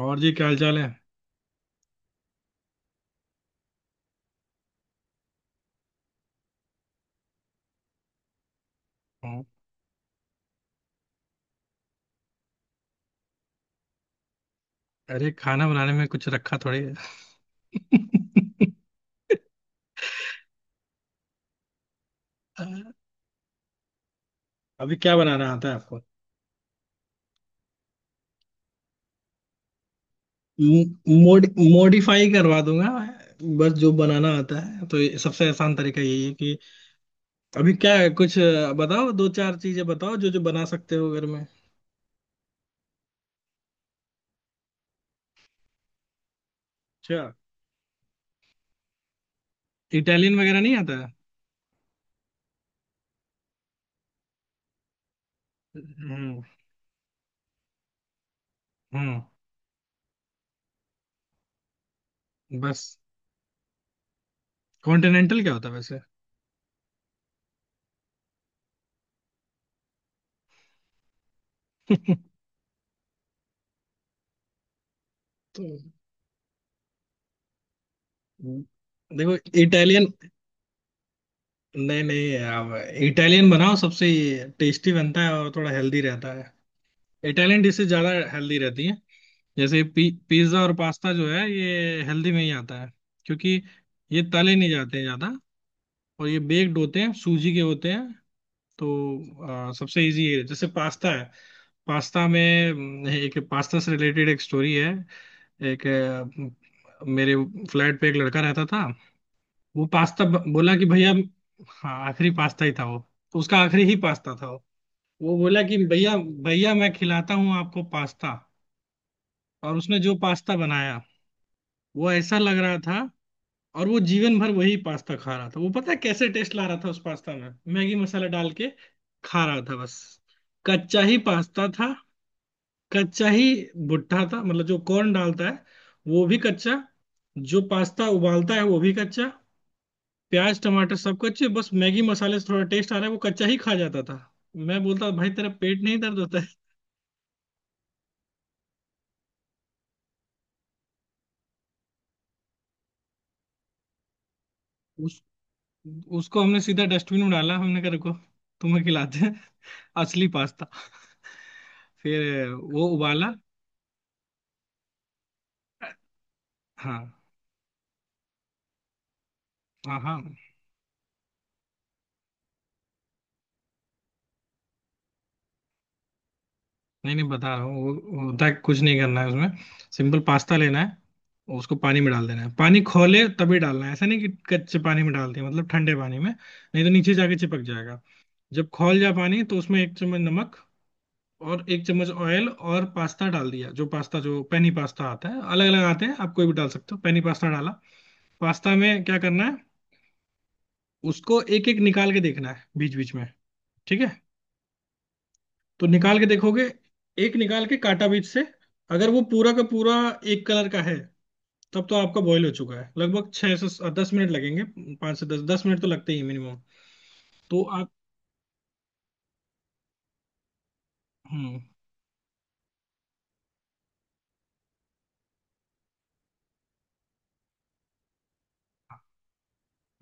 और जी क्या हाल चाल है। हाँ। अरे खाना बनाने में कुछ रखा थोड़ी है। अ, अभी क्या बनाना आता है आपको? मोड मॉडिफाई करवा दूंगा। बस जो बनाना आता है तो ये सबसे आसान तरीका यही है कि अभी क्या है कुछ बताओ, दो चार चीजें बताओ जो जो बना सकते हो घर में। अच्छा, इटालियन वगैरह नहीं आता है? हम्म। हम्म। बस कॉन्टिनेंटल क्या होता है वैसे? तो देखो, इटालियन, नहीं नहीं, अब इटालियन बनाओ, सबसे टेस्टी बनता है और थोड़ा हेल्दी रहता है। इटालियन डिशेज ज्यादा हेल्दी रहती हैं। जैसे पिज्जा और पास्ता जो है ये हेल्दी में ही आता है। क्योंकि ये तले नहीं जाते हैं ज्यादा और ये बेक्ड होते हैं, सूजी के होते हैं। तो सबसे इजी है जैसे पास्ता है। पास्ता में एक पास्ता से रिलेटेड एक स्टोरी है। एक मेरे फ्लैट पे एक लड़का रहता था। वो पास्ता बोला कि भैया, हाँ आखिरी पास्ता ही था वो, उसका आखिरी ही पास्ता था वो। वो बोला कि भैया भैया मैं खिलाता हूँ आपको पास्ता। और उसने जो पास्ता बनाया वो ऐसा लग रहा था। और वो जीवन भर वही पास्ता खा रहा था। वो पता है कैसे टेस्ट ला रहा था उस पास्ता में? मैगी मसाला डाल के खा रहा था बस। कच्चा ही पास्ता था, कच्चा ही। भुट्टा था, मतलब जो कॉर्न डालता है वो भी कच्चा, जो पास्ता उबालता है वो भी कच्चा। प्याज टमाटर सब कच्चे, बस मैगी मसाले से थोड़ा टेस्ट आ रहा है, वो कच्चा ही खा जाता था। मैं बोलता भाई तेरा पेट नहीं दर्द होता है? उस उसको हमने सीधा डस्टबिन में डाला, हमने कहा रुको, तुम्हें खिलाते हैं असली पास्ता। फिर वो उबाला। हाँ। हाँ हाँ, नहीं नहीं, बता रहा हूँ। वो होता है कुछ नहीं करना है उसमें। सिंपल पास्ता लेना है और उसको पानी में डाल देना है, पानी खोले तभी डालना है, ऐसा नहीं कि कच्चे पानी में डाल दिया मतलब ठंडे पानी में, नहीं तो नीचे जाके चिपक जाएगा। जब खौल जाए पानी तो उसमें एक चम्मच नमक और एक चम्मच ऑयल और पास्ता डाल दिया। जो पास्ता, जो पेनी पास्ता आता है, अलग अलग आते हैं, आप कोई भी डाल सकते हो, पेनी पास्ता डाला। पास्ता में क्या करना है, उसको एक एक निकाल के देखना है बीच बीच में, ठीक है? तो निकाल के देखोगे, एक निकाल के काटा बीच से, अगर वो पूरा का पूरा एक कलर का है तब तो आपका बॉईल हो चुका है। लगभग छह से दस मिनट लगेंगे, पाँच से दस दस मिनट तो लगते ही मिनिमम। तो आप हम्म।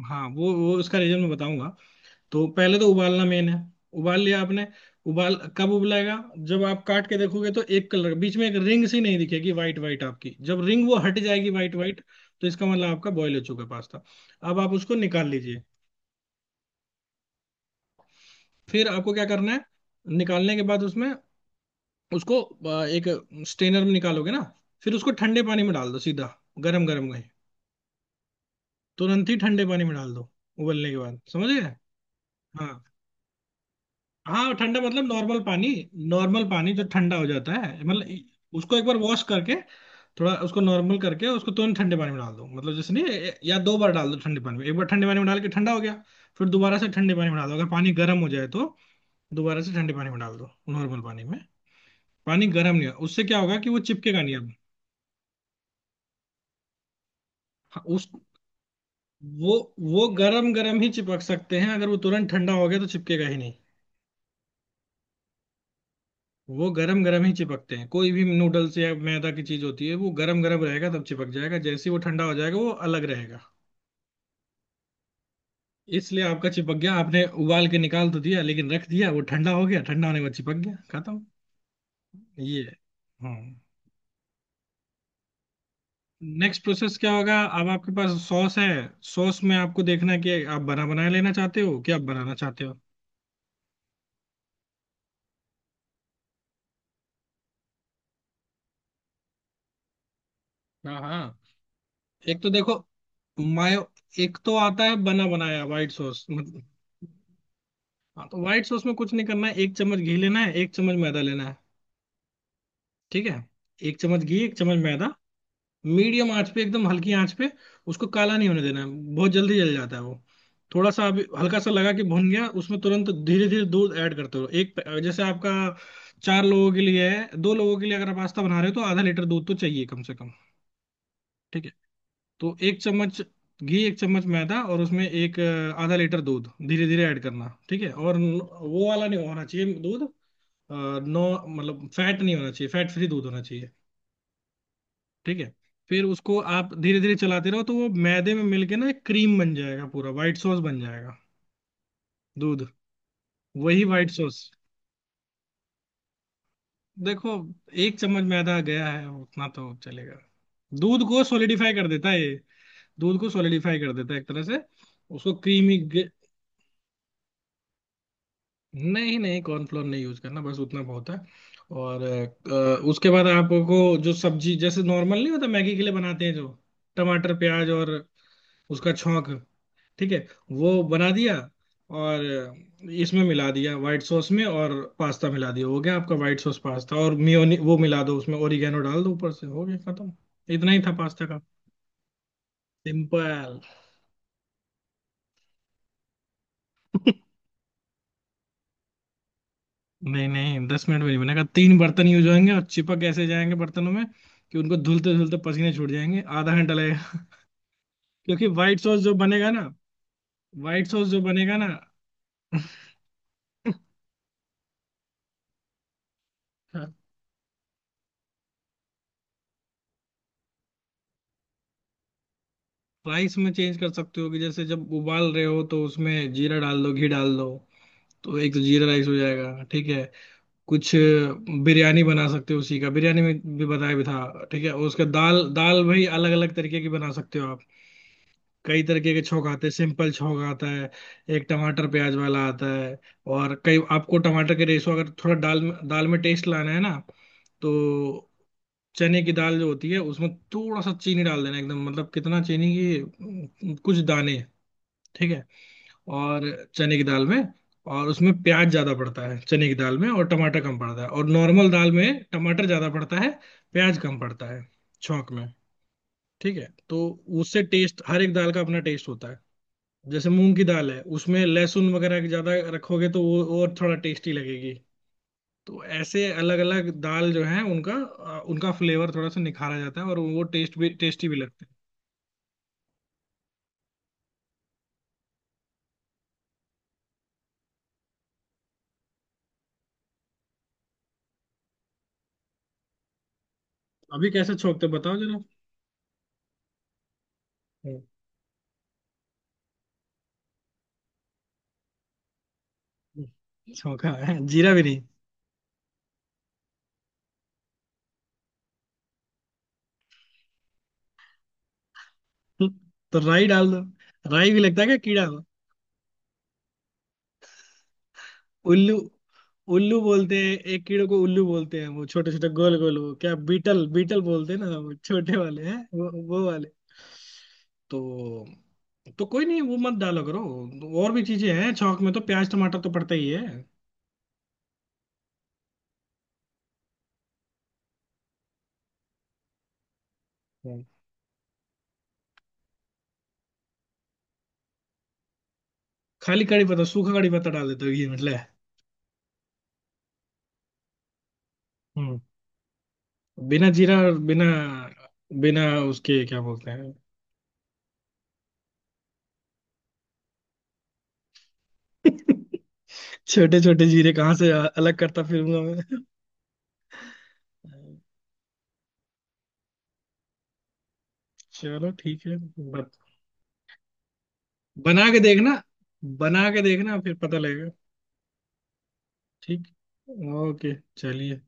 हाँ, वो उसका रीजन मैं बताऊंगा। तो पहले तो उबालना मेन है। उबाल लिया आपने, उबाल कब उबलेगा, जब आप काट के देखोगे तो एक कलर बीच में एक रिंग सी नहीं दिखेगी वाइट वाइट आपकी, जब रिंग वो हट जाएगी वाइट वाइट तो इसका मतलब आपका बॉईल हो चुका है पास्ता। अब आप उसको निकाल लीजिए। फिर आपको क्या करना है, निकालने के बाद उसमें उसको एक स्ट्रेनर में निकालोगे ना, फिर उसको ठंडे पानी में डाल दो सीधा, गरम गरम नहीं, तुरंत ही ठंडे पानी में डाल दो उबलने के बाद, समझ गए? हाँ हाँ, ठंडा मतलब नॉर्मल पानी। नॉर्मल पानी जो ठंडा हो जाता है, मतलब उसको एक बार वॉश करके थोड़ा उसको नॉर्मल करके, उसको तुरंत ठंडे पानी में डाल दो, मतलब जैसे नहीं या दो बार डाल दो ठंडे पानी में, एक बार ठंडे पानी में डाल के ठंडा हो गया, फिर दोबारा से ठंडे पानी में डाल दो अगर पानी गर्म हो जाए तो, दोबारा से ठंडे पानी में डाल दो, नॉर्मल पानी में। पानी गर्म नहीं होगा, उससे क्या होगा कि वो चिपकेगा नहीं अब। हाँ, उस वो वो गर्म गर्म ही चिपक सकते हैं, अगर वो तुरंत ठंडा हो गया तो चिपकेगा ही नहीं। वो गर्म गर्म ही चिपकते हैं, कोई भी नूडल्स या मैदा की चीज होती है, वो गर्म गर्म रहेगा तब चिपक जाएगा, जैसे ही वो ठंडा हो जाएगा वो अलग रहेगा। इसलिए आपका चिपक गया, आपने उबाल के निकाल तो दिया लेकिन रख दिया, वो ठंडा हो गया, ठंडा होने के बाद चिपक गया, खत्म। ये है। हाँ, नेक्स्ट प्रोसेस क्या होगा, अब आपके पास सॉस है। सॉस में आपको देखना है कि आप बना बनाया लेना चाहते हो क्या आप बनाना चाहते हो? हाँ हाँ। एक तो देखो, मायो एक तो आता है बना बनाया व्हाइट सॉस, मतलब। हाँ, तो व्हाइट सॉस में कुछ नहीं करना है, एक चम्मच घी लेना है, एक चम्मच मैदा लेना है। ठीक है, एक चम्मच घी एक चम्मच मैदा, मीडियम आंच पे, एकदम हल्की आंच पे, उसको काला नहीं होने देना है, बहुत जल्दी जल जाता है वो। थोड़ा सा अभी हल्का सा लगा कि भुन गया, उसमें तुरंत धीरे धीरे दूध ऐड करते रहो। जैसे आपका चार लोगों के लिए है, दो लोगों के लिए अगर आप पास्ता बना रहे हो, तो आधा लीटर दूध तो चाहिए कम से कम, ठीक है? तो एक चम्मच घी, एक चम्मच मैदा और उसमें एक आधा लीटर दूध धीरे धीरे ऐड करना, ठीक है? और वो वाला नहीं होना चाहिए दूध, अ, नो मतलब फैट नहीं होना चाहिए, फैट फ्री दूध होना चाहिए, ठीक है? फिर उसको आप धीरे धीरे चलाते रहो तो वो मैदे में मिलके ना एक क्रीम बन जाएगा, पूरा वाइट सॉस बन जाएगा दूध। वही वाइट सॉस, देखो एक चम्मच मैदा गया है, उतना तो चलेगा। दूध को सॉलिडिफाई कर देता है ये, दूध को सॉलिडिफाई कर देता है एक तरह से, उसको क्रीमी। नहीं नहीं, कॉर्नफ्लोर नहीं यूज करना, बस उतना बहुत है। और उसके बाद आपको जो सब्जी, जैसे नॉर्मल नहीं होता मैगी के लिए बनाते हैं जो, टमाटर प्याज और उसका छौंक, ठीक है? वो बना दिया और इसमें मिला दिया व्हाइट सॉस में और पास्ता मिला दिया, हो गया आपका व्हाइट सॉस पास्ता। और मियोनी वो मिला दो उसमें, ओरिगेनो डाल दो ऊपर से, हो गया खत्म। इतना ही था पास्ता का, सिंपल। नहीं नहीं दस मिनट में नहीं बनेगा, तीन बर्तन यूज होंगे और चिपक ऐसे जाएंगे बर्तनों में कि उनको धुलते धुलते पसीने छूट जाएंगे, आधा घंटा लगेगा। क्योंकि व्हाइट सॉस जो बनेगा ना, व्हाइट सॉस जो बनेगा ना राइस में चेंज कर सकते हो, कि जैसे जब उबाल रहे हो तो उसमें जीरा डाल दो, घी डाल दो, तो एक तो जीरा राइस हो जाएगा, ठीक है? कुछ बिरयानी बना सकते हो, उसी का बिरयानी में भी बताया भी था, ठीक है? और उसका दाल, भाई अलग अलग तरीके की बना सकते हो। कई तरीके के छौंक आते हैं, सिंपल छौंक आता है, एक टमाटर प्याज वाला आता है और कई आपको टमाटर के रेशो, अगर थोड़ा दाल में टेस्ट लाना है ना तो चने की दाल जो होती है उसमें थोड़ा सा चीनी डाल देना, एकदम मतलब कितना चीनी की कुछ दाने, ठीक है? और चने की दाल में, और उसमें प्याज ज्यादा पड़ता है चने की दाल में, और टमाटर कम पड़ता है। और नॉर्मल दाल में टमाटर ज्यादा पड़ता है, प्याज कम पड़ता है छौंक में, ठीक है? तो उससे टेस्ट, हर एक दाल का अपना टेस्ट होता है, जैसे मूंग की दाल है, उसमें लहसुन वगैरह ज्यादा रखोगे तो वो और थोड़ा टेस्टी लगेगी। तो ऐसे अलग अलग दाल जो है उनका उनका फ्लेवर थोड़ा सा निखारा जाता है और वो टेस्ट भी, टेस्टी भी लगते हैं। अभी कैसे छोंकते हो बताओ जरा? हम्म। छोंका है, जीरा भी नहीं? तो राई डाल दो। राई भी लगता है क्या कीड़ा? उल्लू, उल्लू बोलते हैं एक कीड़े को, उल्लू बोलते हैं वो छोटे छोटे गोल गोल, वो क्या बीटल, बीटल बोलते हैं ना वो छोटे वाले हैं, वो वाले। तो तो कोई नहीं वो मत डाला करो, और भी चीजें हैं छौंक में, तो प्याज टमाटर तो पड़ता ही है। हम्म। खाली कड़ी पत्ता, सूखा कड़ी पत्ता डाल देते हो ये मतलब है। हम्म। बिना जीरा और बिना बिना उसके क्या बोलते हैं? छोटे छोटे जीरे कहाँ से अलग करता फिरूंगा मैं। चलो ठीक है, बना के देखना, बना के देखना, फिर पता लगेगा। ठीक, ओके चलिए।